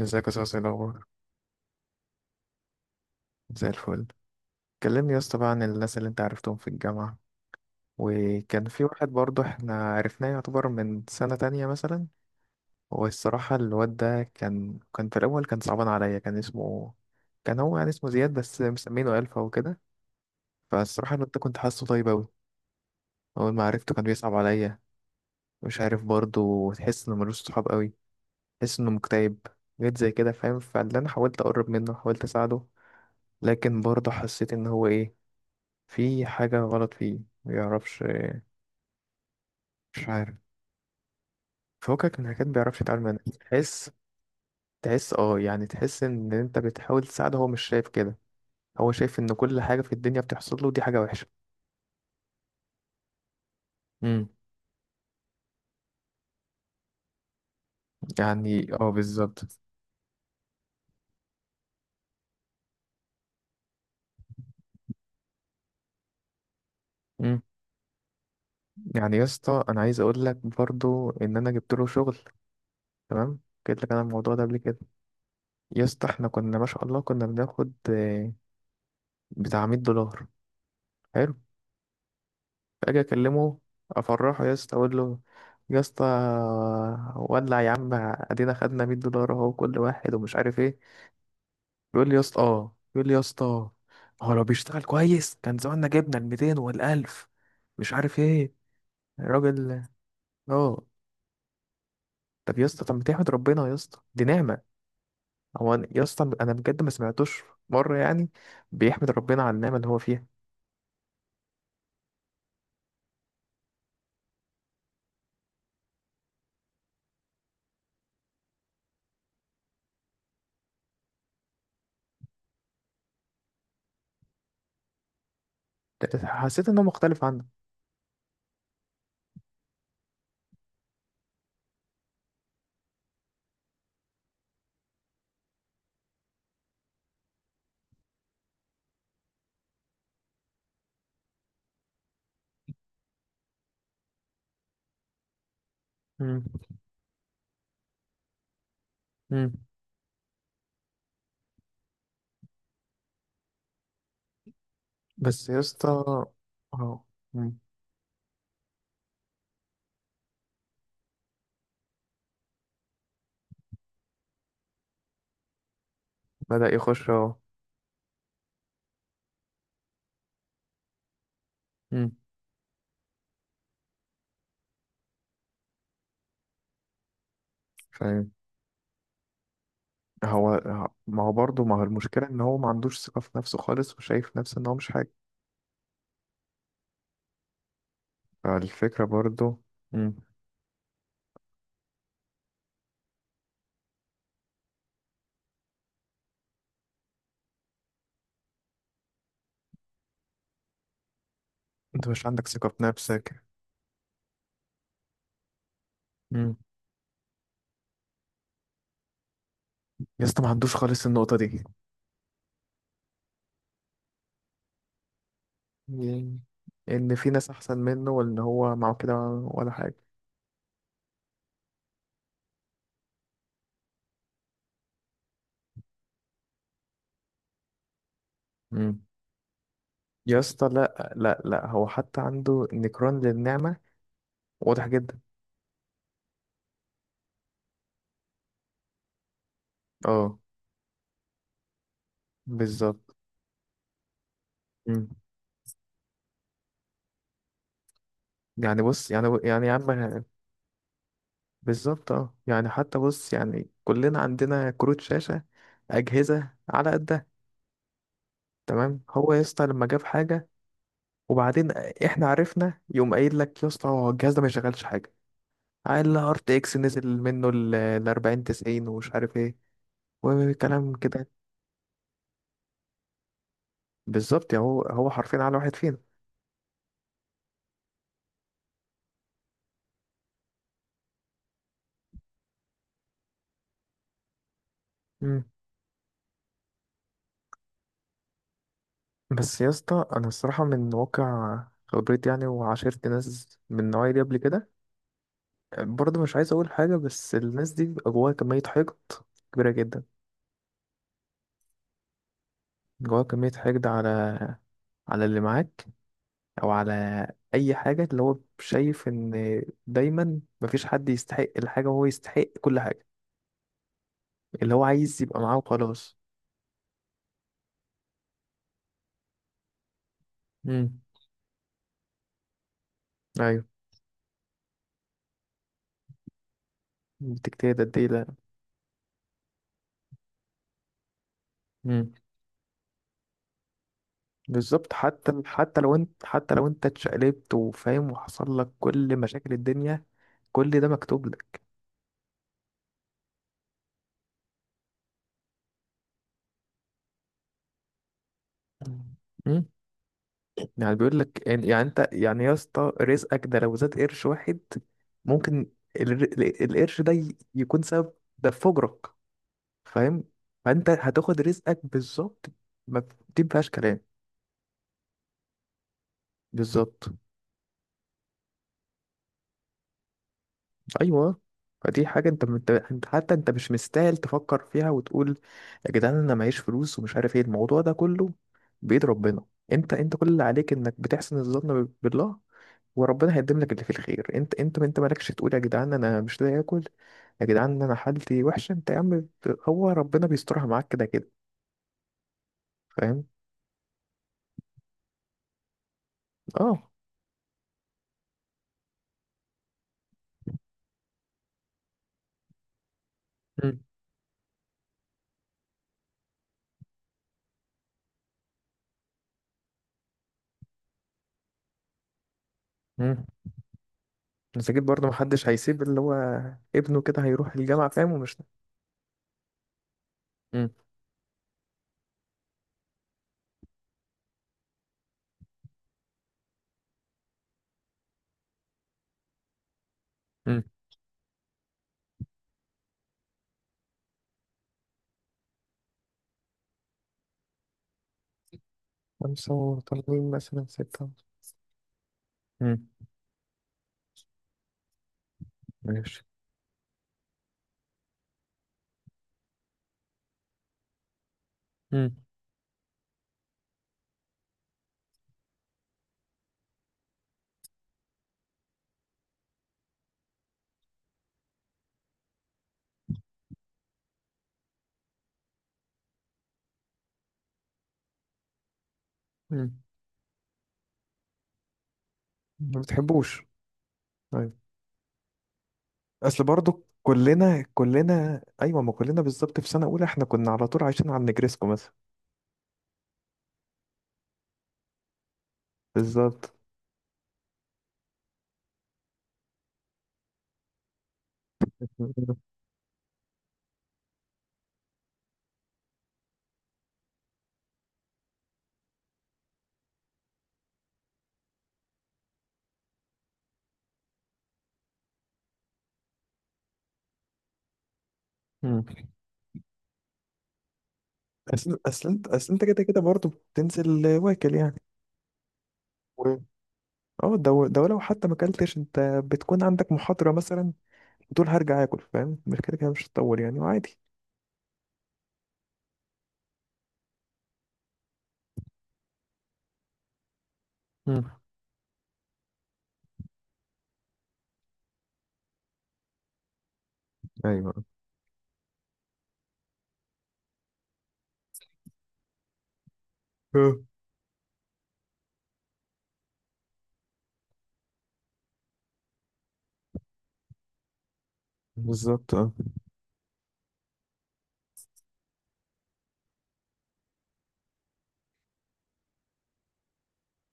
ازيك يا صاصي، إيه الأخبار؟ زي الفل. كلمني يا اسطى بقى عن الناس اللي انت عرفتهم في الجامعة. وكان في واحد برضه احنا عرفناه، يعتبر من سنة تانية مثلا. والصراحة الواد ده كان في الأول كان صعبان عليا، كان هو يعني اسمه زياد بس مسمينه ألفا وكده. فالصراحة الواد ده كنت حاسه طيب أوي. أول ما عرفته كان بيصعب عليا. مش عارف، برضه تحس إنه ملوش صحاب أوي، تحس إنه مكتئب. جيت زي كده، فاهم، فاللي أنا حاولت أقرب منه، حاولت أساعده. لكن برضه حسيت إن هو إيه، في حاجة غلط فيه، ما بيعرفش. مش عارف. فوقك من حاجات ما بيعرفش يتعامل معاها، تحس. تحس، اه، يعني تحس ان انت بتحاول تساعده، هو مش شايف كده. هو شايف ان كل حاجة في الدنيا بتحصل له دي حاجة وحشة. امم. يعني اه، بالظبط. امم. يعني يا اسطى انا عايز اقول لك برضو ان انا جبت له شغل. تمام. قلت لك انا الموضوع ده قبل كده. يا اسطى احنا كنا ما شاء الله، كنا بناخد بتاع $100. حلو. فاجي اكلمه، افرحه، يا اسطى اقول له يا اسطى، ولع يا عم، ادينا خدنا $100 اهو كل واحد، ومش عارف ايه. يقول لي يا اسطى، هو لو بيشتغل كويس كان زماننا جبنا ال 200 وال 1000 مش عارف ايه. الراجل. اه. طب يا اسطى، طب ما تحمد ربنا يا اسطى، دي نعمه. يا اسطى انا بجد ما سمعتوش مره يعني، بيحمد ربنا على النعمه اللي هو فيها. حسيت انه مختلف عنه. مم. مم. بس يا اسطى. اه. بدأ يخش اهو. مم. فاهم. هو ما هو المشكلة ان هو ما عندوش ثقة في نفسه خالص، وشايف نفسه ان هو مش حاجة. فالفكرة برضه. مم. انت مش عندك ثقة في نفسك. مم. يا اسطى ما عندوش خالص النقطة دي. يعني ان في ناس احسن منه، وان هو معه كده. ولا حاجة. مم. يا اسطى لا لا لا، هو حتى عنده نكران للنعمة، واضح جدا. اه بالظبط. مم. يعني بص، يعني يا عم. بالظبط اه، يعني حتى بص يعني كلنا عندنا كروت شاشة، أجهزة على قدها. تمام. هو يا اسطى لما جاب حاجة، وبعدين احنا عرفنا، يقوم قايل لك يا اسطى هو الجهاز ده ما يشغلش حاجة. قال ار تي اكس نزل منه ال 40 90 ومش عارف ايه، وكلام كده. بالظبط، يعني هو حرفيا على واحد فينا. مم. بس يا اسطى انا الصراحة من واقع خبرتي يعني، وعاشرت ناس من النوعية دي قبل كده. برضه مش عايز اقول حاجة، بس الناس دي بيبقى جواها كمية حقد كبيرة جدا. جواه كمية حقد على اللي معاك، أو على أي حاجة اللي هو شايف إن دايما مفيش حد يستحق الحاجة، وهو يستحق كل حاجة. اللي هو عايز يبقى معاه وخلاص. امم. أيوه. بتجتهد قد إيه ده. امم. بالظبط، حتى لو أنت اتشقلبت، وفاهم، وحصل لك كل مشاكل الدنيا، كل ده مكتوب لك. يعني بيقول لك، يعني انت يعني يا اسطى، رزقك ده لو زاد قرش واحد، ممكن القرش ده يكون سبب ده في فجرك، فاهم. فانت هتاخد رزقك بالظبط. ما ف- دي ما فيهاش كلام. بالظبط. ايوه. فدي حاجه، انت حتى انت مش مستاهل تفكر فيها وتقول يا جدعان انا معيش فلوس ومش عارف ايه، الموضوع ده كله بايد ربنا. انت كل اللي عليك انك بتحسن الظن بالله. وربنا هيقدم لك اللي فيه الخير. انت مالكش تقول يا جدعان انا مش لاقي اكل، يا جدعان انا حالتي وحشه. انت يا عم، هو ربنا بيسترها معاك كده كده، فاهم. اه. مم. مم. بس اكيد برضه محدش هيسيب اللي هو ابنه كده هيروح الجامعه، فاهم، ومش. مم. مم. خمسة، وطالبين مثلا ستة. مم. ماشي. مم. مم. ما بتحبوش. طيب. اصل برضو كلنا ايوه ما كلنا بالظبط، في سنه اولى احنا كنا على طول عايشين على النجريسكو مثلا. بالظبط. مم. اصل انت كده كده برضه بتنزل واكل يعني. و- اه، ده لو حتى ما اكلتش انت، بتكون عندك محاضرة مثلا، وتقول هرجع اكل، فاهم، مش كده كده مش هتطول يعني، وعادي. مم. ايوه. اه. بالظبط اه.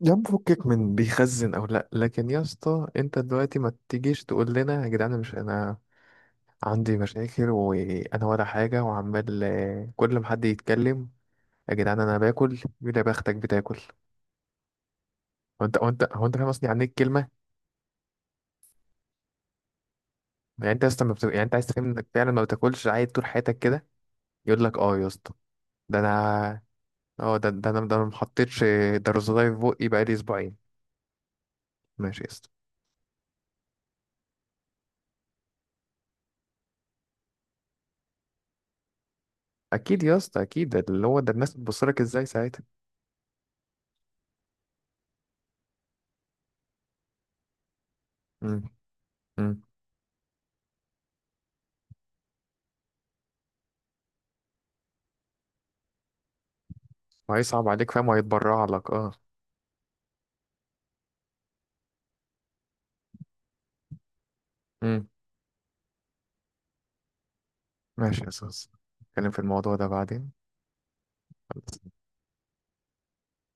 يا عم فكك من بيخزن او لا، لكن يا اسطى انت دلوقتي ما تجيش تقول لنا يا جدعان مش انا عندي مشاكل، وانا ولا حاجه، وعمال كل ما حد يتكلم يا جدعان انا باكل. يقول يا بختك بتاكل. هو انت فاهم قصدي، يعني ايه الكلمه. يعني انت اصلا ما بت... يعني انت عايز تفهم انك فعلا ما بتاكلش عادي طول حياتك كده. يقول لك اه يا اسطى ده انا. ده انا ما حطيتش درزولاي في بقي بقالي اسبوعين. ماشي يا اسطى. اكيد يا اسطى اكيد، ده اللي هو ده الناس بتبص لك ازاي ساعتها. امم. امم. وهيصعب عليك فاهم، وهيتبرع لك اه. امم. ماشي يا اسطى، نتكلم في الموضوع ده بعدين.